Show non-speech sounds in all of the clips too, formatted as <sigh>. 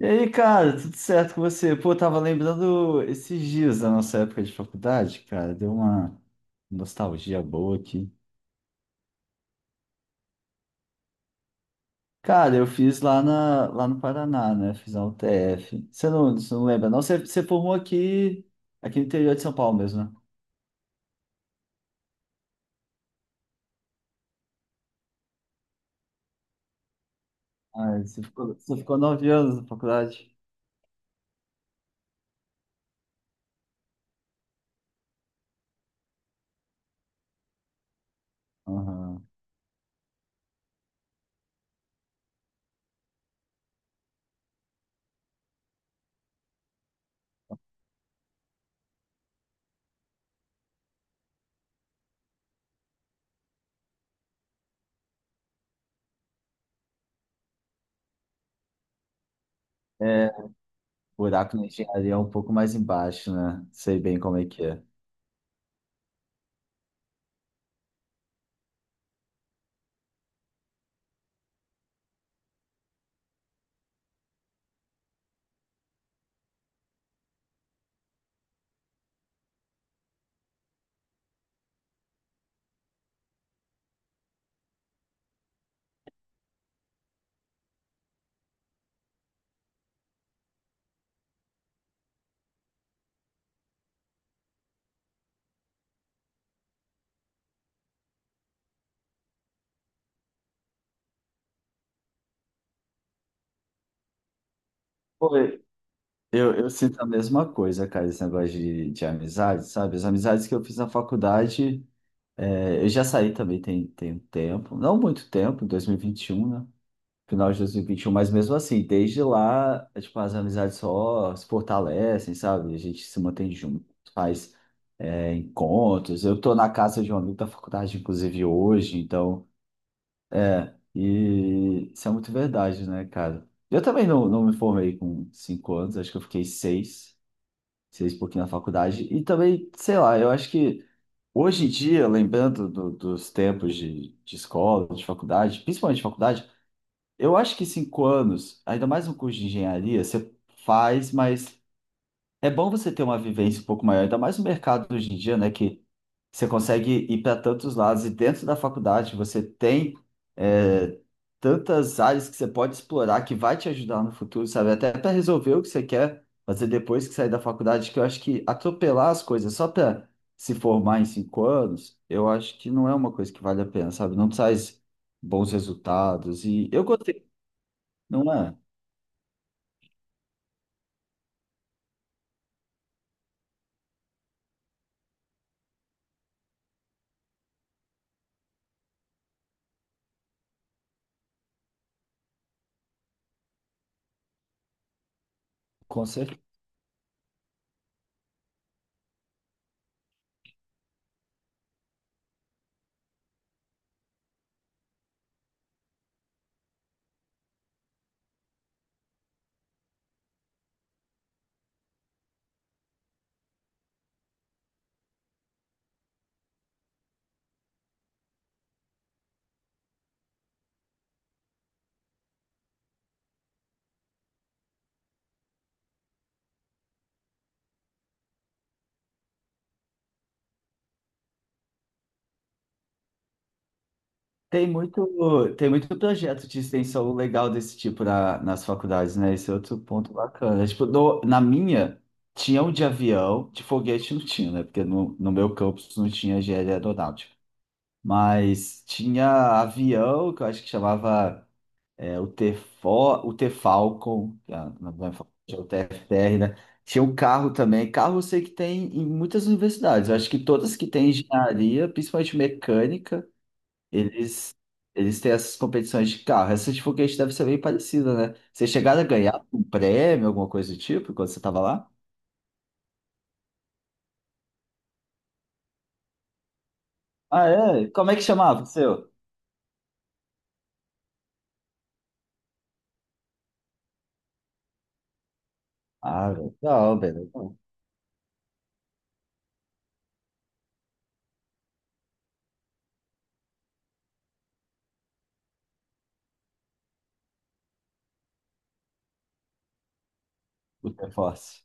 E aí, cara, tudo certo com você? Pô, eu tava lembrando esses dias da nossa época de faculdade, cara, deu uma nostalgia boa aqui. Cara, eu fiz lá, lá no Paraná, né? Fiz a UTF. Você não lembra, não? Você formou aqui, aqui no interior de São Paulo mesmo, né? Ah, é, você ficou 9 anos na faculdade? Aham. É, buraco na engenharia é um pouco mais embaixo, né? Sei bem como é que é. Pô, eu sinto a mesma coisa, cara, esse negócio de amizade, sabe? As amizades que eu fiz na faculdade, eu já saí também tem, tem um tempo, não muito tempo, em 2021, né? Final de 2021, mas mesmo assim, desde lá, é, tipo, as amizades só se fortalecem, sabe? A gente se mantém junto, faz, é, encontros. Eu tô na casa de um amigo da faculdade, inclusive, hoje, então, e isso é muito verdade, né, cara? Eu também não, não me formei com 5 anos, acho que eu fiquei seis e pouquinho na faculdade. E também, sei lá, eu acho que hoje em dia, lembrando dos tempos de escola, de faculdade, principalmente de faculdade, eu acho que cinco anos, ainda mais um curso de engenharia, você faz, mas é bom você ter uma vivência um pouco maior, ainda mais no mercado hoje em dia, né? Que você consegue ir para tantos lados e dentro da faculdade você tem é, tantas áreas que você pode explorar que vai te ajudar no futuro, sabe? Até para resolver o que você quer fazer depois que sair da faculdade, que eu acho que atropelar as coisas só para se formar em 5 anos, eu acho que não é uma coisa que vale a pena, sabe? Não traz bons resultados e eu gostei, não é? Com tem muito, tem muito projeto de extensão legal desse tipo nas faculdades, né? Esse é outro ponto bacana. Tipo, na minha, tinha um de avião, de foguete não tinha, né? Porque no meu campus não tinha engenharia aeronáutica. Mas tinha avião, que eu acho que chamava o T-Fo, o T-Falcon, que é a- não vai falar, tinha o TFR, né? Tinha um carro também. Carro eu sei que tem em muitas universidades. Eu acho que todas que têm engenharia, principalmente mecânica, eles, eles têm essas competições de carro. Essa de foguete deve ser bem parecida, né? Vocês chegaram a ganhar um prêmio, alguma coisa do tipo, quando você estava lá? Ah, é? Como é que chamava o seu? Ah, legal, velho. Legal. O Force.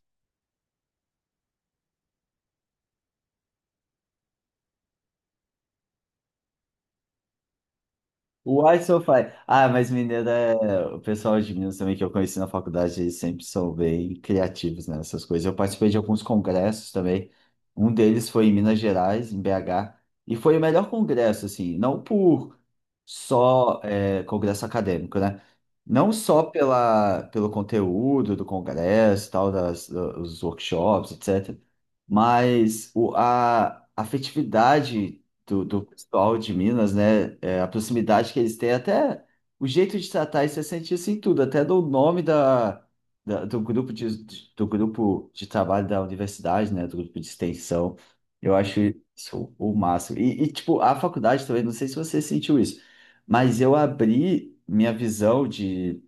Why so fine? Ah, mas mineiro é... O pessoal de Minas também que eu conheci na faculdade, eles sempre são bem criativos né, nessas coisas. Eu participei de alguns congressos também. Um deles foi em Minas Gerais, em BH. E foi o melhor congresso, assim, não por congresso acadêmico, né? Não só pela, pelo conteúdo do congresso, tal, das, dos workshops, etc. Mas o, a afetividade do, do pessoal de Minas, né? É, a proximidade que eles têm, até o jeito de tratar, e você sente isso em tudo, até do nome da, do grupo de, do grupo de trabalho da universidade, né? Do grupo de extensão. Eu acho isso o máximo. E, tipo, a faculdade também, não sei se você sentiu isso, mas eu abri minha visão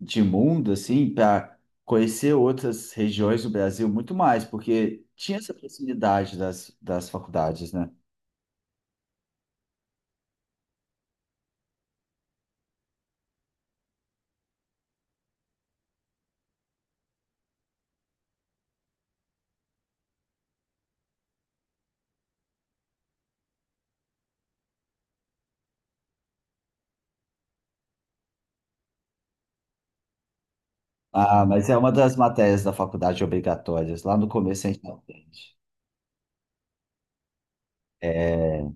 de mundo, assim, para conhecer outras regiões do Brasil muito mais, porque tinha essa proximidade das, das faculdades, né? Ah, mas é uma das matérias da faculdade obrigatórias. Lá no começo a gente não aprende. É...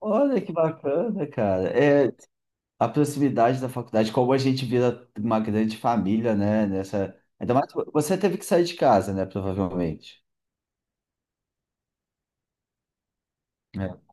Olha que bacana, cara. É a proximidade da faculdade, como a gente vira uma grande família, né? Nessa... Ainda mais você teve que sair de casa, né? Provavelmente. É.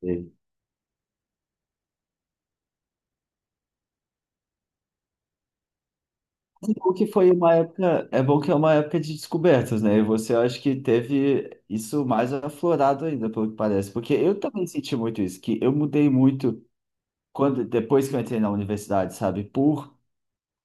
Teve. Mas é bom que foi uma época, é bom que é uma época de descobertas, né? E você acho que teve isso mais aflorado ainda, pelo que parece, porque eu também senti muito isso, que eu mudei muito quando depois que eu entrei na universidade, sabe?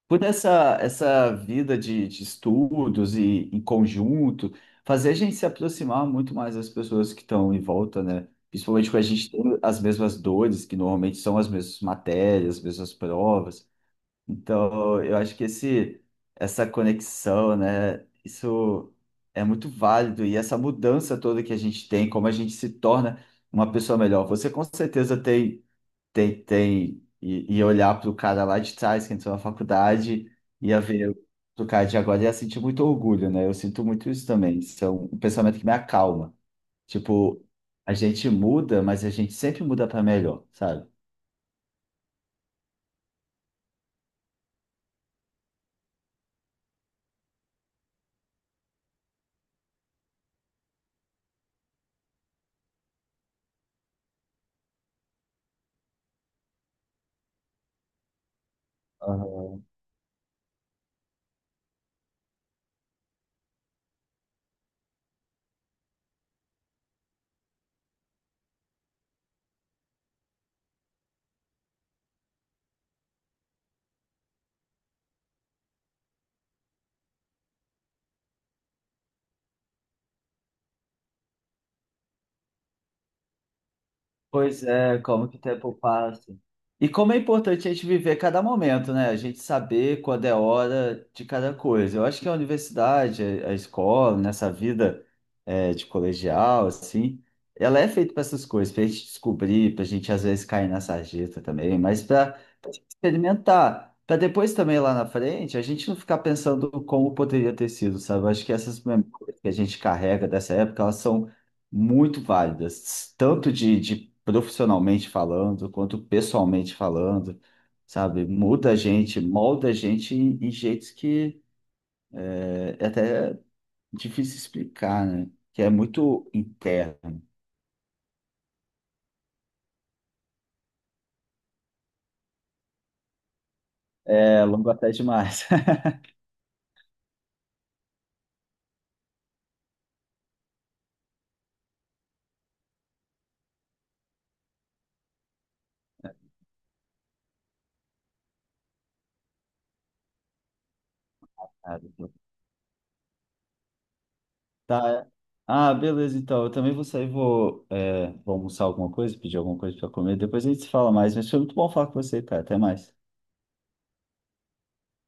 Por essa, essa vida de estudos e em conjunto, fazer a gente se aproximar muito mais das pessoas que estão em volta, né? Principalmente quando a gente tem as mesmas dores, que normalmente são as mesmas matérias, as mesmas provas. Então, eu acho que esse, essa conexão, né? Isso é muito válido e essa mudança toda que a gente tem, como a gente se torna uma pessoa melhor. Você com certeza tem tentei e olhar pro cara lá de trás que entrou na faculdade, ia ver pro cara de agora, ia sentir muito orgulho, né? Eu sinto muito isso também. Isso é um pensamento que me acalma. Tipo, a gente muda, mas a gente sempre muda para melhor, sabe? Pois é, como que o tempo passa. E como é importante a gente viver cada momento, né? A gente saber quando é hora de cada coisa. Eu acho que a universidade, a escola, nessa vida de colegial, assim, ela é feita para essas coisas, para a gente descobrir, para a gente às vezes cair na sarjeta também, mas para experimentar, para depois também lá na frente a gente não ficar pensando como poderia ter sido, sabe? Eu acho que essas memórias que a gente carrega dessa época, elas são muito válidas, tanto de profissionalmente falando, quanto pessoalmente falando, sabe? Muda a gente, molda a gente em, em jeitos que é até difícil explicar, né? Que é muito interno. É longo até demais. <laughs> Tá. É. Ah, beleza, então. Eu também vou sair, vou, é, vou almoçar alguma coisa, pedir alguma coisa para comer. Depois a gente se fala mais. Mas foi muito bom falar com você, cara. Até mais.